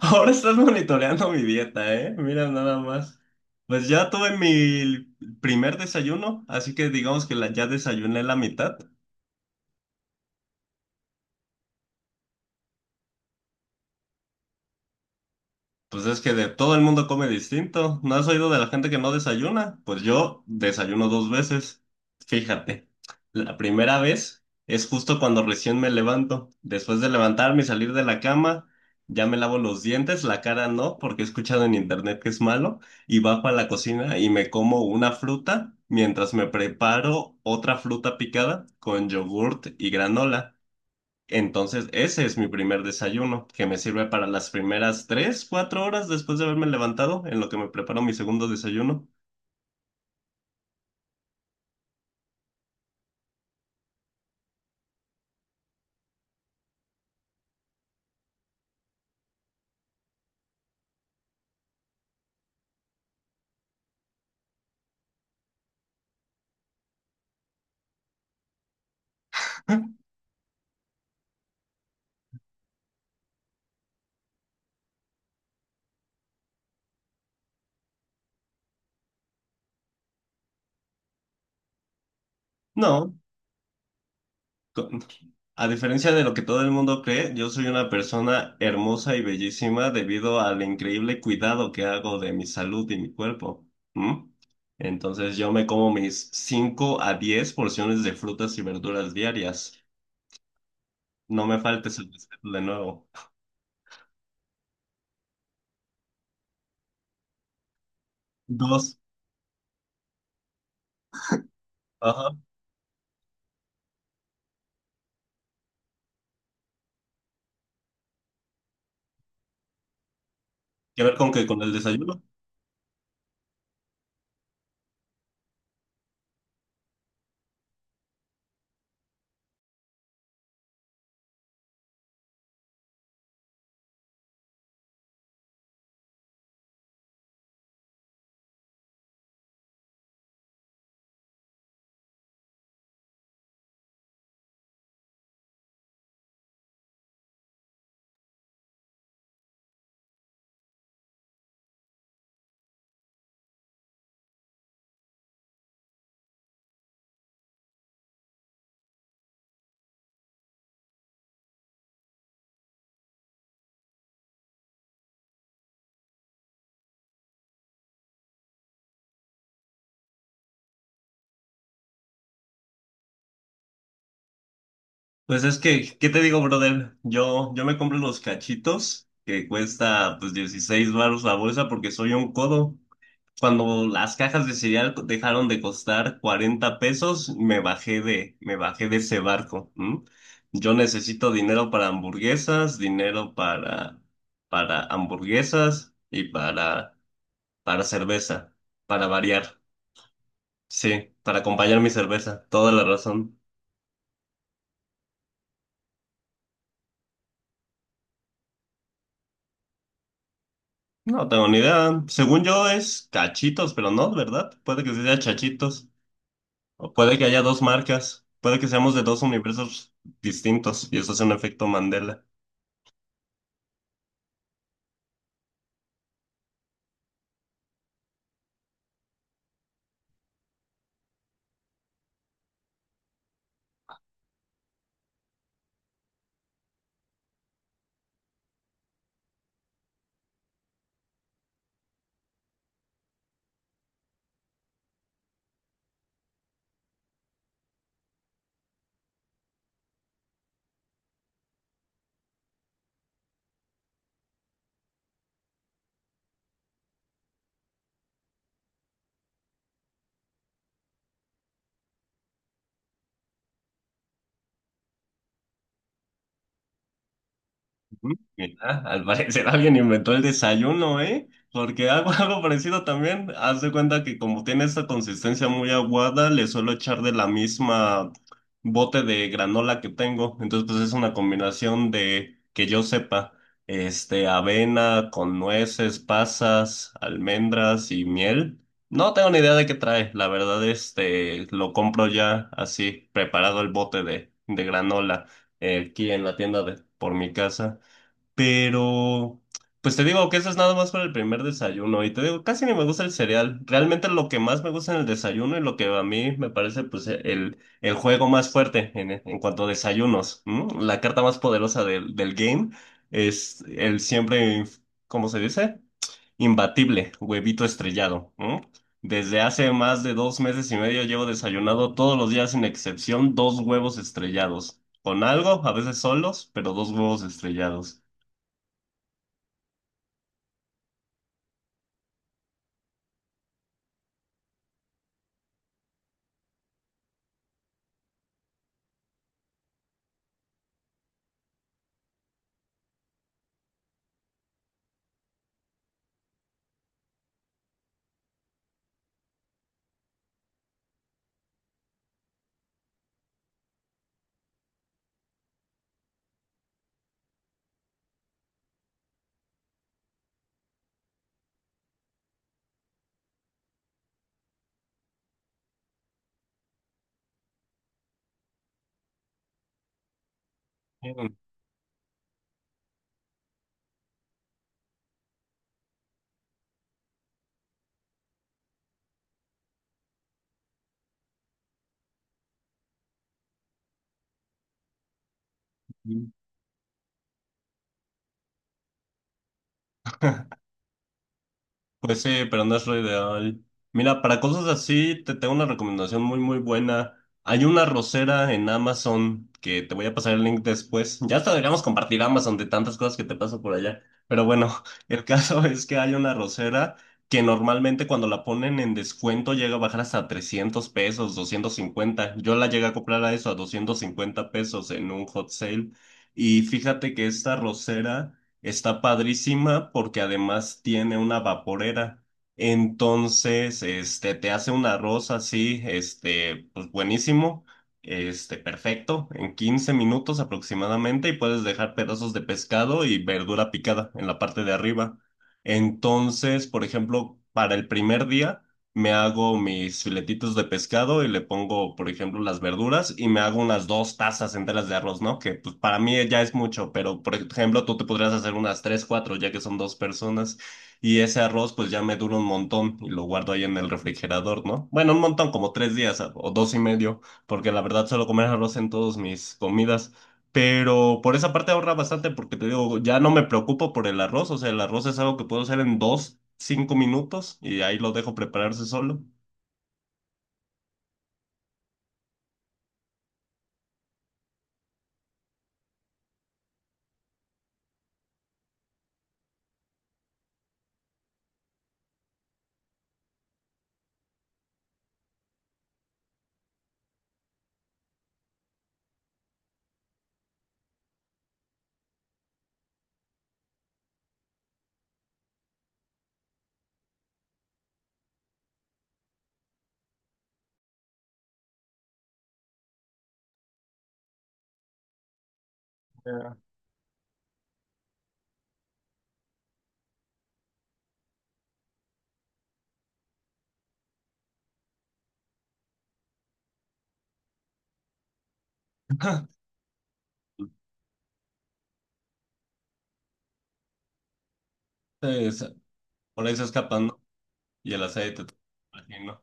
Ahora estás monitoreando mi dieta, ¿eh? Mira nada más. Pues ya tuve mi primer desayuno, así que digamos que ya desayuné la mitad. Pues es que de todo el mundo come distinto. ¿No has oído de la gente que no desayuna? Pues yo desayuno dos veces. Fíjate, la primera vez es justo cuando recién me levanto. Después de levantarme y salir de la cama, ya me lavo los dientes, la cara no, porque he escuchado en internet que es malo, y bajo a la cocina y me como una fruta mientras me preparo otra fruta picada con yogurt y granola. Entonces, ese es mi primer desayuno, que me sirve para las primeras tres, cuatro horas después de haberme levantado, en lo que me preparo mi segundo desayuno. No, con- a diferencia de lo que todo el mundo cree, yo soy una persona hermosa y bellísima debido al increíble cuidado que hago de mi salud y mi cuerpo. ¿Mm? Entonces, yo me como mis 5 a 10 porciones de frutas y verduras diarias. No me faltes el respeto de nuevo. Dos. Ajá. ¿Qué ver con que con el desayuno? Pues es que, ¿qué te digo, brother? Yo me compro los cachitos que cuesta pues 16 varos la bolsa porque soy un codo. Cuando las cajas de cereal dejaron de costar 40 pesos, me bajé de ese barco. ¿M? Yo necesito dinero para hamburguesas, para hamburguesas y para cerveza, para variar. Sí, para acompañar mi cerveza. Toda la razón. No tengo ni idea. Según yo es Cachitos, pero no, ¿verdad? Puede que sí sea Chachitos. O puede que haya dos marcas. Puede que seamos de dos universos distintos y eso es un efecto Mandela. Ujú. Mira, al parecer alguien inventó el desayuno, ¿eh? Porque hago algo parecido también. Haz de cuenta que como tiene esa consistencia muy aguada, le suelo echar de la misma bote de granola que tengo. Entonces, pues es una combinación de, que yo sepa, este, avena con nueces, pasas, almendras y miel. No tengo ni idea de qué trae. La verdad, este, lo compro ya así, preparado el bote de granola, aquí en la tienda por mi casa. Pero, pues te digo que eso es nada más para el primer desayuno. Y te digo, casi ni me gusta el cereal. Realmente lo que más me gusta en el desayuno y lo que a mí me parece, pues, el juego más fuerte en cuanto a desayunos, ¿m? La carta más poderosa del game es el siempre, ¿cómo se dice? Imbatible, huevito estrellado, ¿m? Desde hace más de dos meses y medio llevo desayunado todos los días sin excepción dos huevos estrellados. Con algo, a veces solos, pero dos huevos estrellados. Mm. Pues sí, pero no es lo ideal. Mira, para cosas así, te tengo una recomendación muy, muy buena. Hay una rosera en Amazon que te voy a pasar el link después. Ya hasta deberíamos compartir Amazon de tantas cosas que te paso por allá. Pero bueno, el caso es que hay una rosera que normalmente cuando la ponen en descuento llega a bajar hasta 300 pesos, 250. Yo la llegué a comprar a eso, a 250 pesos en un hot sale. Y fíjate que esta rosera está padrísima porque además tiene una vaporera. Entonces, este, te hace un arroz así, este, pues buenísimo, este, perfecto, en 15 minutos aproximadamente, y puedes dejar pedazos de pescado y verdura picada en la parte de arriba. Entonces, por ejemplo, para el primer día me hago mis filetitos de pescado y le pongo, por ejemplo, las verduras y me hago unas dos tazas enteras de arroz, ¿no? Que pues para mí ya es mucho, pero por ejemplo, tú te podrías hacer unas tres, cuatro, ya que son dos personas, y ese arroz pues ya me dura un montón, y lo guardo ahí en el refrigerador, ¿no? Bueno, un montón, como tres días o dos y medio, porque la verdad suelo comer arroz en todas mis comidas. Pero por esa parte ahorra bastante porque te digo, ya no me preocupo por el arroz, o sea, el arroz es algo que puedo hacer en dos, cinco minutos y ahí lo dejo prepararse solo. Entonces, por ahí se escapan, ¿no? Y el aceite, imagino.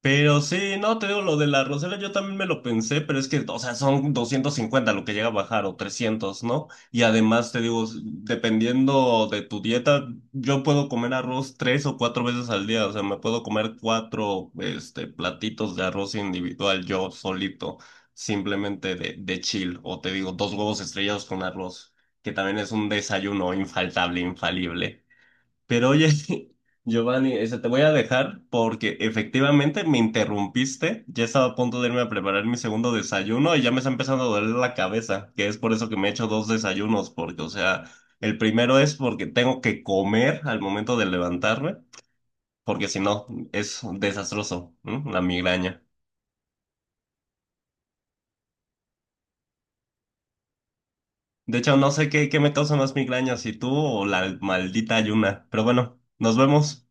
Pero sí, no, te digo, lo de la Rosera yo también me lo pensé, pero es que, o sea, son 250 lo que llega a bajar o 300, ¿no? Y además, te digo, dependiendo de tu dieta, yo puedo comer arroz tres o cuatro veces al día, o sea, me puedo comer cuatro, este, platitos de arroz individual yo solito, simplemente de chill, o te digo, dos huevos estrellados con arroz, que también es un desayuno infalible. Pero oye, Giovanni, este, te voy a dejar porque efectivamente me interrumpiste. Ya estaba a punto de irme a preparar mi segundo desayuno y ya me está empezando a doler la cabeza, que es por eso que me he hecho dos desayunos, porque, o sea, el primero es porque tengo que comer al momento de levantarme, porque si no, es desastroso, ¿m? La migraña. De hecho, no sé qué, qué me causa más migraña, si tú o la maldita ayuna. Pero bueno, nos vemos.